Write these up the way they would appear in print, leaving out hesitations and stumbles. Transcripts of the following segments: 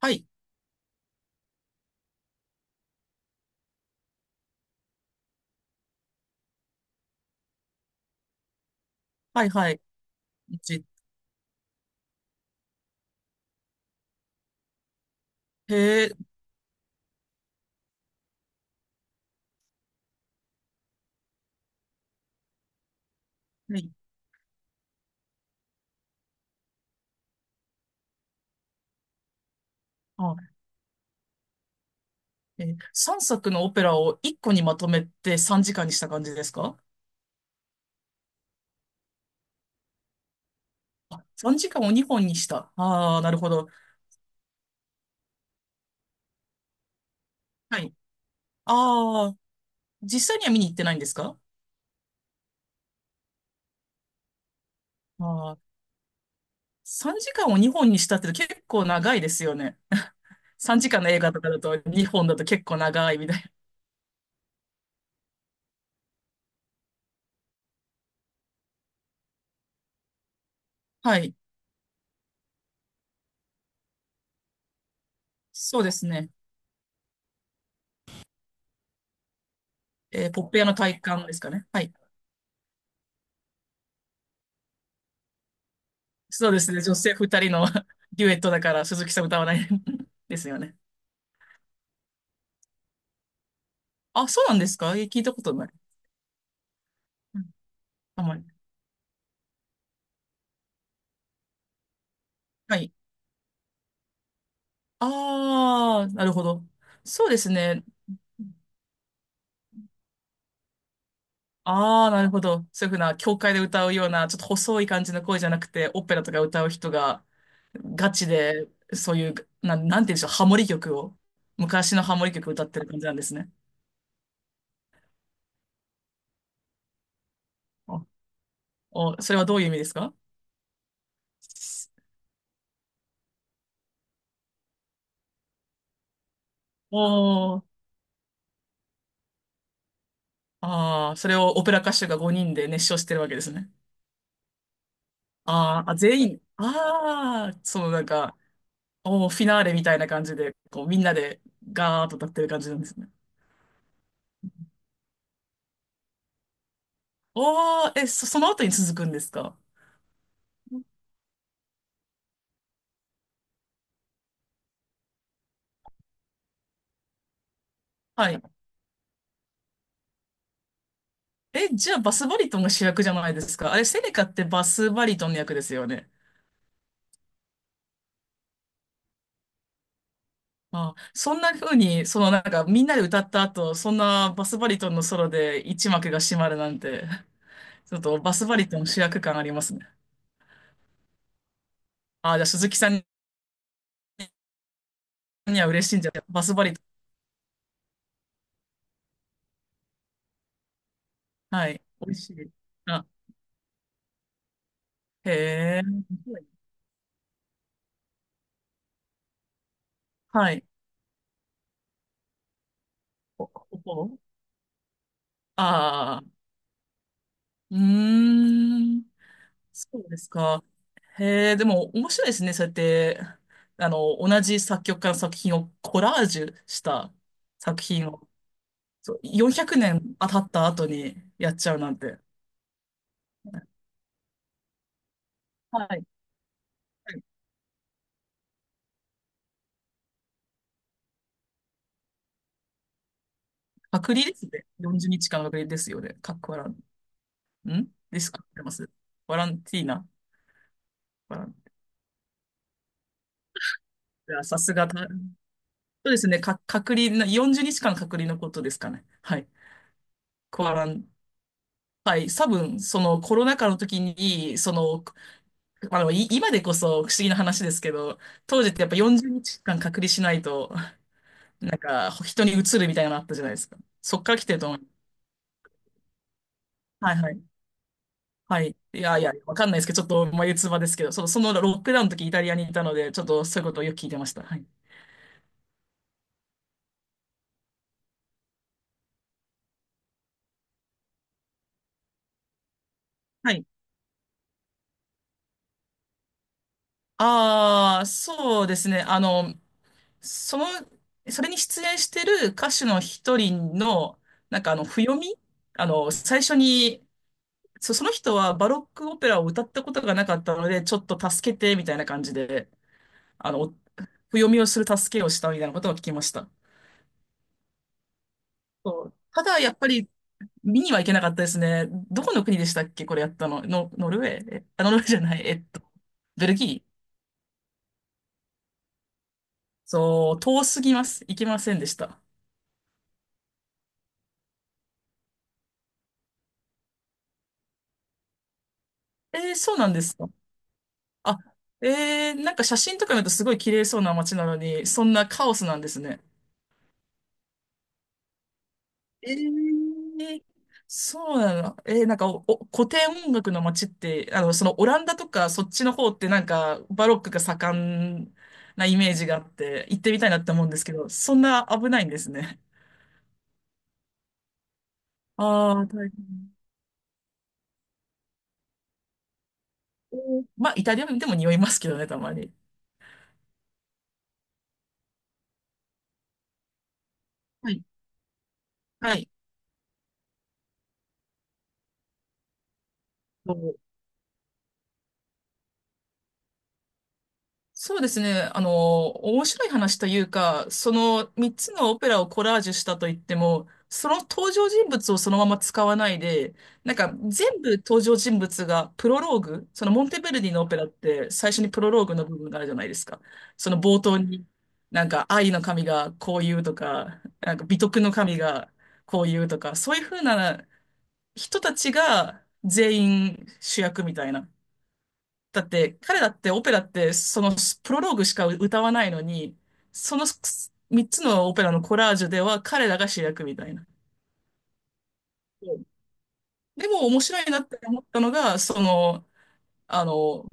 はい。はいはい。一へえ、はい。はい。3作のオペラを1個にまとめて3時間にした感じですか？あ、3時間を2本にした。ああ、なるほど。はい。ああ、実際には見に行ってないんですか？ああ、3時間を2本にしたって結構長いですよね。3時間の映画とかだと2本だと結構長いみたいな。はい。そうですね。ポップ屋の体感ですかね。はい。そうですね。女性2人の デュエットだから鈴木さん歌わない ですよね。あ、そうなんですか？え、聞いたことない。うん、あんまり。はい。ああ、なるほど。そうですね。ああ、なるほど。そういうふうな、教会で歌うような、ちょっと細い感じの声じゃなくて、オペラとか歌う人が、ガチで、そういう、なんて言うんでしょう、ハモリ曲を、昔のハモリ曲歌ってる感じなんですね。あそれはどういう意味ですか？おー、ああ、それをオペラ歌手が5人で熱唱してるわけですね。あーあ、全員、ああ、そのなんか、おー、フィナーレみたいな感じで、こう、みんなでガーッと歌ってる感じなんですね。おー、え、その後に続くんですか？はい。え、じゃあバスバリトンが主役じゃないですか。あれ、セネカってバスバリトンの役ですよね。あ、そんな風に、そのなんかみんなで歌った後、そんなバスバリトンのソロで一幕が閉まるなんて、ちょっとバスバリトン主役感ありますね。あ、じゃあ鈴木さんには嬉しいんじゃないバスバリトン。はい。美味しい。あ、へえ。はい。おお、ああ。うーん。そうですか。へえ、でも面白いですね。そうやって、同じ作曲家の作品をコラージュした作品を、そう、400年経った後にやっちゃうなんて。はい。隔離ですね。40日間の隔離ですよね。かっこ笑、うん。ですかってます。ワランティーナ。ワラン。いや、さすがた、そうですね。か、隔離な、40日間の隔離のことですかね。はい。コアラン。はい。多分、そのコロナ禍の時に、そのまあでも今でこそ不思議な話ですけど、当時ってやっぱ40日間隔離しないと、なんか人に移るみたいなのあったじゃないですか。そっから来てると思う。はいはい。はい。いやいや、わかんないですけど、ちょっと眉唾ですけど、そのロックダウンの時イタリアにいたので、ちょっとそういうことをよく聞いてました。はい。はい。ああ、そうですね。その、それに出演してる歌手の一人の、なんか譜読み、最初にその人はバロックオペラを歌ったことがなかったので、ちょっと助けて、みたいな感じで、あの、お譜読みをする助けをしたみたいなことを聞きました。そう、ただ、やっぱり、見には行けなかったですね。どこの国でしたっけ、これやったの。ノルウェー。ノルウェーじゃない。ベルギー。そう、遠すぎます。行けませんでした。えー、そうなんですか。あ、えー、なんか写真とか見るとすごい綺麗そうな街なのに、そんなカオスなんですね。えー、そうなの。えー、なんかお古典音楽の街って、そのオランダとかそっちの方ってなんかバロックが盛んなイメージがあって、行ってみたいなって思うんですけど、そんな危ないんですね。ああ、大変。まあ、イタリアでも匂いますけどね、たまに。はい。はい。そうですね。面白い話というか、その3つのオペラをコラージュしたといっても、その登場人物をそのまま使わないで、なんか全部登場人物がプロローグ、そのモンテベルディのオペラって最初にプロローグの部分があるじゃないですか。その冒頭に、なんか愛の神がこう言うとか、なんか美徳の神がこう言うとか、そういうふうな人たちが全員主役みたいな。だって、彼だってオペラって、そのプロローグしか歌わないのに、その3つのオペラのコラージュでは彼らが主役みたいな。うん、でも面白いなって思ったのが、その、あの、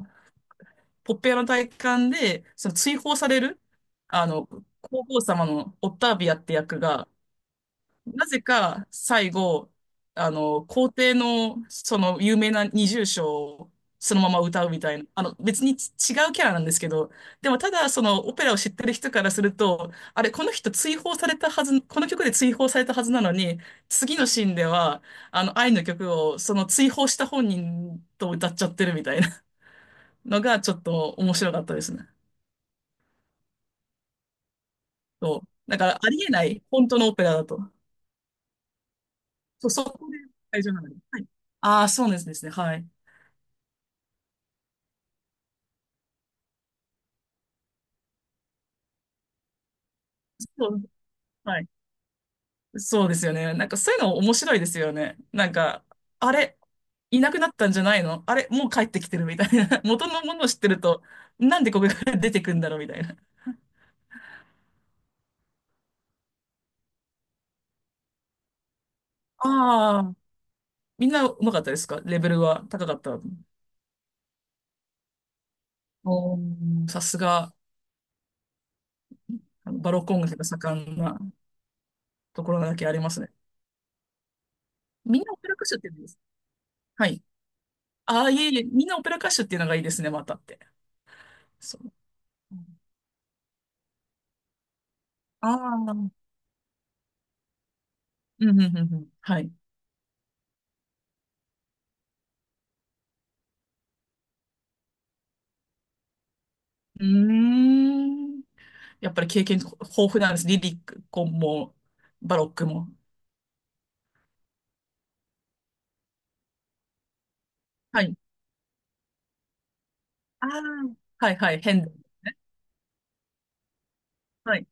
ポッペアの体感で、その追放される、あの、皇后様のオッタービアって役が、なぜか最後、皇帝のその有名な二重唱をそのまま歌うみたいな、別に違うキャラなんですけど、でもただそのオペラを知ってる人からすると、あれ、この人追放されたはず、この曲で追放されたはずなのに、次のシーンでは、愛の曲をその追放した本人と歌っちゃってるみたいなのがちょっと面白かったですね。そう。だからありえない、本当のオペラだと。そう、そこで会場なのに。はい。ああ、そうですね。はい。そう、はい。そうですよね。なんかそういうの面白いですよね。なんか、あれ、いなくなったんじゃないのあれ、もう帰ってきてるみたいな。元のものを知ってると、なんでここから出てくんだろうみたいな。ああ、みんなうまかったですか？レベルは高かった。おー、さすが、バロック音楽が盛んなところだけありますね。みんなオペラ歌手って言うんです。はい。ああ、いえいえ、みんなオペラ歌手っていうのがいいですね、またって。そう。ああー、うん、うん、うん。うん、はい。うーん。やっぱり経験豊富なんです。リリック、も、バロックも。はい。ああ、はいはい、変ですね。はい、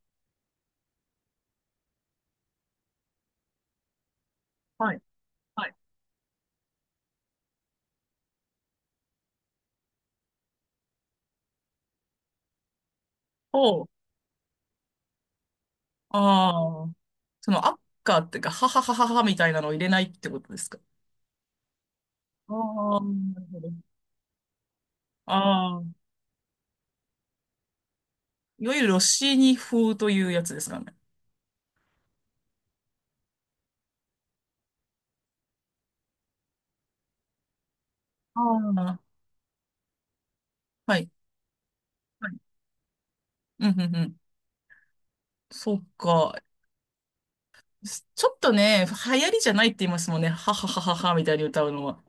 はい、はい。おう、ああ、その、アッカーっていうか、はははははみたいなのを入れないってことですか？ああ、なるほど。ああ、いわゆるロッシーニ風というやつですかね。ああ、はい。はい。うん、うん、うん。そっか。ちょっとね、流行りじゃないって言いますもんね。ははははははみたいに歌うのは。